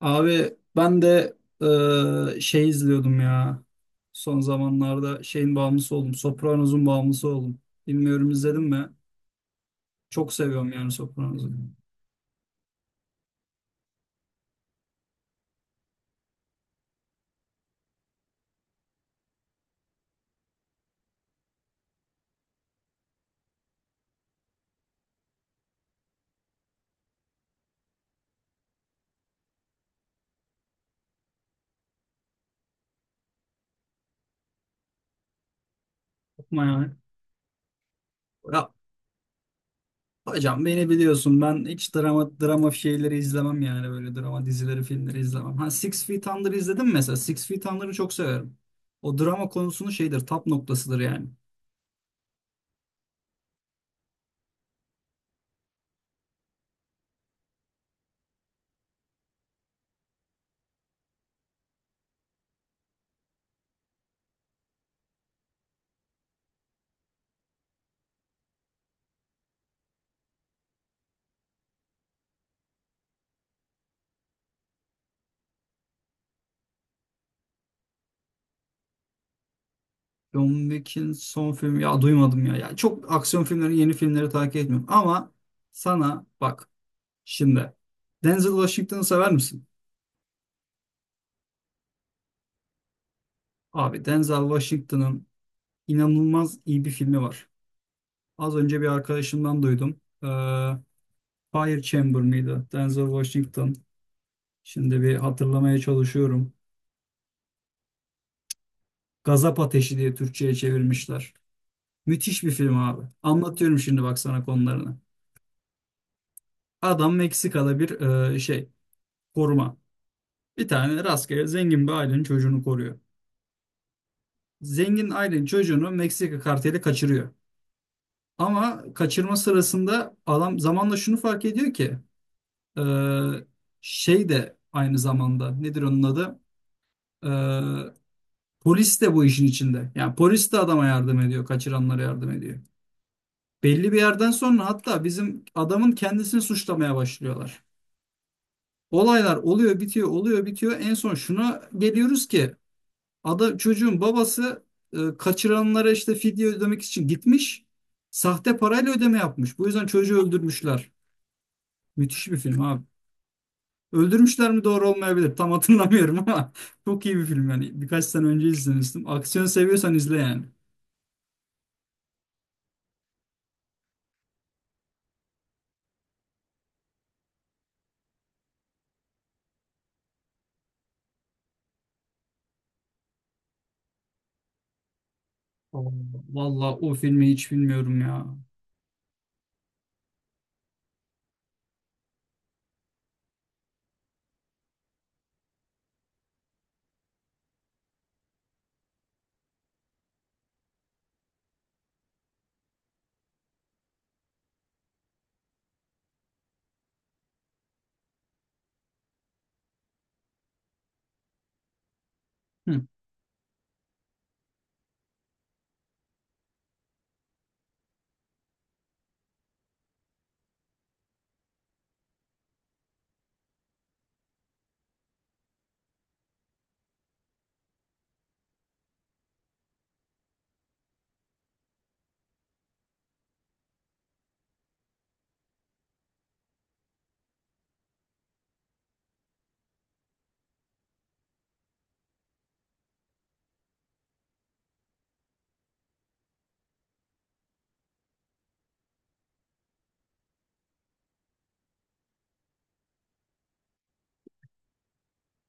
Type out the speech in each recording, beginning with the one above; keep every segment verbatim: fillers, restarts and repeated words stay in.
Abi ben de e, şey izliyordum ya. Son zamanlarda şeyin bağımlısı oldum. Sopranos'un bağımlısı oldum. Bilmiyorum, izledim mi? Çok seviyorum yani Sopranos'u. Bakma yani. Ya hocam, beni biliyorsun, ben hiç drama drama şeyleri izlemem yani böyle drama dizileri, filmleri izlemem. Ha, Six Feet Under izledim mesela. Six Feet Under'ı çok severim. O drama konusunun şeyidir, tap noktasıdır yani. John Wick'in son filmi ya, duymadım ya. Yani çok aksiyon filmlerini, yeni filmleri takip etmiyorum ama sana bak şimdi, Denzel Washington'ı sever misin? Abi Denzel Washington'ın inanılmaz iyi bir filmi var. Az önce bir arkadaşımdan duydum. Ee, Fire Chamber mıydı? Denzel Washington. Şimdi bir hatırlamaya çalışıyorum. Gazap Ateşi diye Türkçe'ye çevirmişler. Müthiş bir film abi. Anlatıyorum şimdi, bak sana konularını. Adam Meksika'da bir e, şey, koruma. Bir tane rastgele zengin bir ailenin çocuğunu koruyor. Zengin ailenin çocuğunu Meksika karteli kaçırıyor. Ama kaçırma sırasında adam zamanla şunu fark ediyor ki e, şey de aynı zamanda, nedir onun adı? E, Polis de bu işin içinde. Yani polis de adama yardım ediyor, kaçıranlara yardım ediyor. Belli bir yerden sonra hatta bizim adamın kendisini suçlamaya başlıyorlar. Olaylar oluyor, bitiyor, oluyor, bitiyor. En son şuna geliyoruz ki Ada çocuğun babası e, kaçıranlara işte fidye ödemek için gitmiş. Sahte parayla ödeme yapmış. Bu yüzden çocuğu öldürmüşler. Müthiş bir film abi. Öldürmüşler mi, doğru olmayabilir. Tam hatırlamıyorum ama çok iyi bir film yani. Birkaç sene önce izlemiştim. Aksiyon seviyorsan izle yani. Aa, vallahi o filmi hiç bilmiyorum ya. Hı.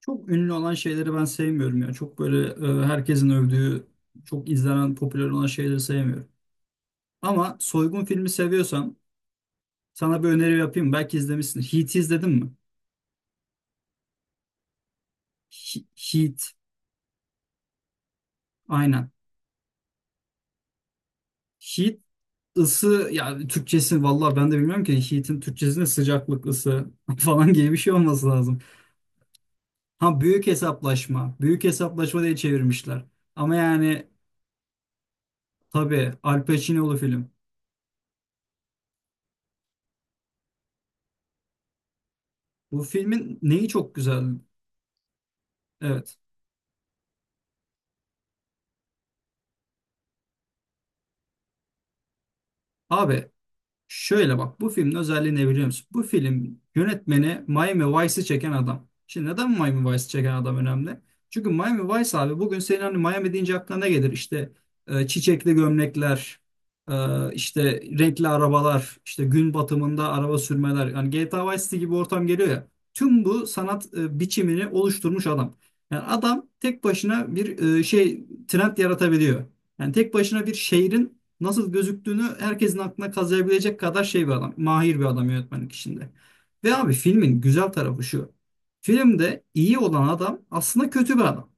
Çok ünlü olan şeyleri ben sevmiyorum ya. Çok böyle e, herkesin övdüğü, çok izlenen, popüler olan şeyleri sevmiyorum. Ama soygun filmi seviyorsan, Sana bir öneri yapayım. Belki izlemişsin. Heat izledin mi? He- Heat. Aynen. Heat, ısı yani Türkçesi, vallahi ben de bilmiyorum ki Heat'in Türkçesinde sıcaklık, ısı falan gibi bir şey olması lazım. Ha, büyük hesaplaşma. Büyük hesaplaşma diye çevirmişler. Ama yani tabii, Al Pacino'lu film. Bu filmin neyi çok güzel. Evet. Abi, Şöyle bak, bu filmin özelliği ne biliyor musun? Bu film yönetmeni Miami Vice'ı çeken adam. Şimdi neden Miami Vice'ı çeken adam önemli? Çünkü Miami Vice abi, bugün senin hani Miami deyince aklına ne gelir? İşte e, çiçekli gömlekler, e, işte renkli arabalar, işte gün batımında araba sürmeler. Yani G T A Vice City gibi ortam geliyor ya. Tüm bu sanat e, biçimini oluşturmuş adam. Yani adam tek başına bir e, şey, trend yaratabiliyor. Yani tek başına bir şehrin nasıl gözüktüğünü herkesin aklına kazıyabilecek kadar şey bir adam, mahir bir adam yönetmenlik işinde. Ve abi, filmin güzel tarafı şu. Filmde iyi olan adam aslında kötü bir adam.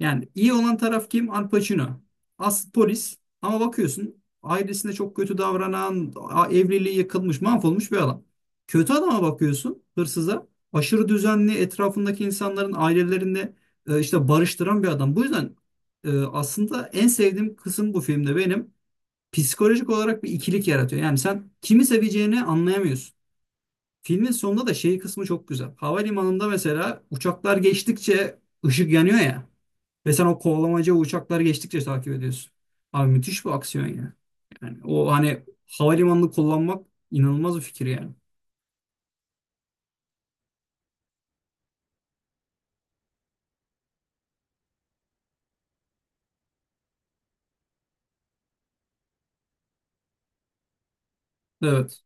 Yani iyi olan taraf kim? Al Pacino. As polis, ama bakıyorsun ailesine çok kötü davranan, a- evliliği yıkılmış, mahvolmuş bir adam. Kötü adama bakıyorsun, hırsıza. Aşırı düzenli, etrafındaki insanların ailelerini e, işte barıştıran bir adam. Bu yüzden e, aslında en sevdiğim kısım bu filmde, benim psikolojik olarak bir ikilik yaratıyor. Yani sen kimi seveceğini anlayamıyorsun. Filmin sonunda da şey kısmı çok güzel. Havalimanında mesela uçaklar geçtikçe ışık yanıyor ya. Ve sen o kovalamaca, uçaklar geçtikçe takip ediyorsun. Abi, müthiş bir aksiyon ya. Yani o hani havalimanını kullanmak inanılmaz bir fikir yani. Evet.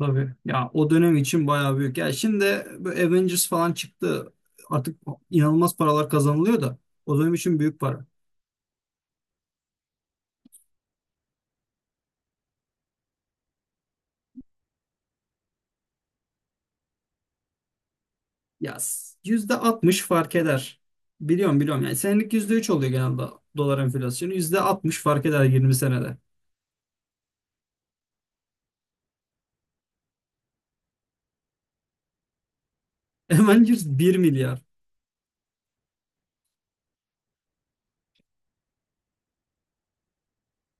Tabii. Ya o dönem için bayağı büyük. Ya şimdi böyle Avengers falan çıktı. Artık inanılmaz paralar kazanılıyor da o dönem için büyük para. Ya yüzde altmış fark eder. Biliyorum, biliyorum. Yani senelik yüzde üç oluyor genelde dolar enflasyonu. yüzde altmış fark eder yirmi senede. Hemen yüz- bir milyar.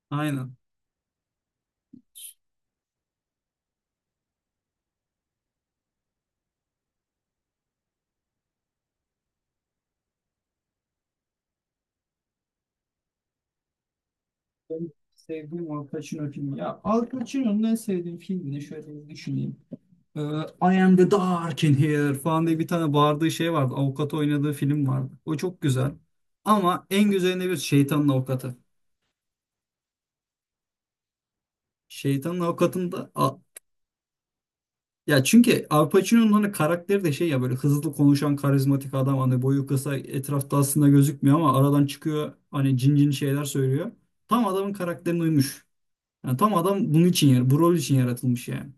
Aynen. Ben sevdiğim Al Pacino filmi. Ya Al Pacino'nun en sevdiğim filmini şöyle bir düşüneyim. Ee, I am the dark in here falan diye bir tane bağırdığı şey vardı. Avukat oynadığı film vardı. O çok güzel. Ama en güzelinde bir Şeytanın Avukatı. Şeytanın Avukatı'nda. Ya çünkü Al Pacino'nun hani karakteri de şey ya, böyle hızlı konuşan karizmatik adam, hani boyu kısa, etrafta aslında gözükmüyor ama aradan çıkıyor, hani cin cin şeyler söylüyor. Tam adamın karakterine uymuş. Yani tam adam bunun için yer, bu rol için yaratılmış yani.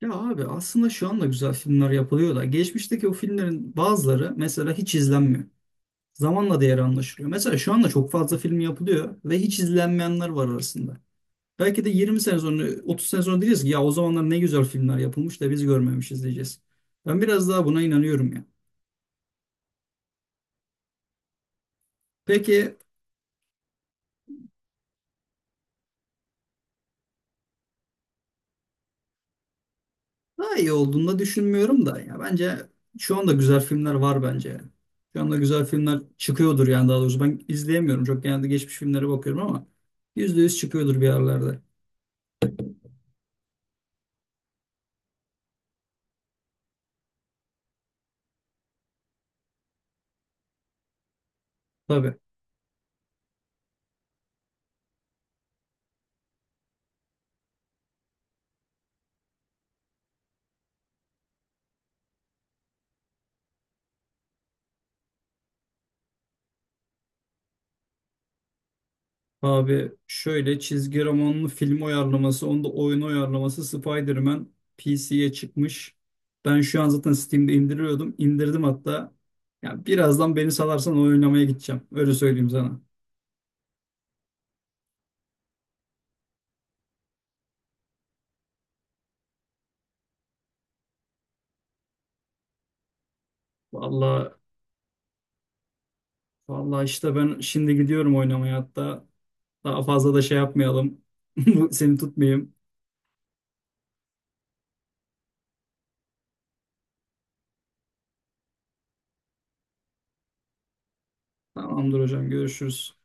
Ya abi aslında şu anda güzel filmler yapılıyor da geçmişteki o filmlerin bazıları mesela hiç izlenmiyor. Zamanla değeri anlaşılıyor. Mesela şu anda çok fazla film yapılıyor ve hiç izlenmeyenler var arasında. Belki de yirmi sene sonra, otuz sene sonra diyeceğiz ki ya o zamanlar ne güzel filmler yapılmış da biz görmemişiz diyeceğiz. Ben biraz daha buna inanıyorum ya. Peki. Daha iyi olduğunu da düşünmüyorum da. Ya bence şu anda güzel filmler var bence. Şu anda güzel filmler çıkıyordur yani, daha doğrusu ben izleyemiyorum. Çok genelde geçmiş filmlere bakıyorum ama yüzde yüz çıkıyordur bir yerlerde. Tabii. Abi şöyle, çizgi romanlı film uyarlaması, onda oyun uyarlaması, Spider-Man P C'ye çıkmış. Ben şu an zaten Steam'de indiriyordum. İndirdim hatta. Ya birazdan beni salarsan oynamaya gideceğim. Öyle söyleyeyim sana. Vallahi vallahi işte ben şimdi gidiyorum oynamaya hatta. Daha fazla da şey yapmayalım. Seni tutmayayım. Tamamdır hocam, görüşürüz.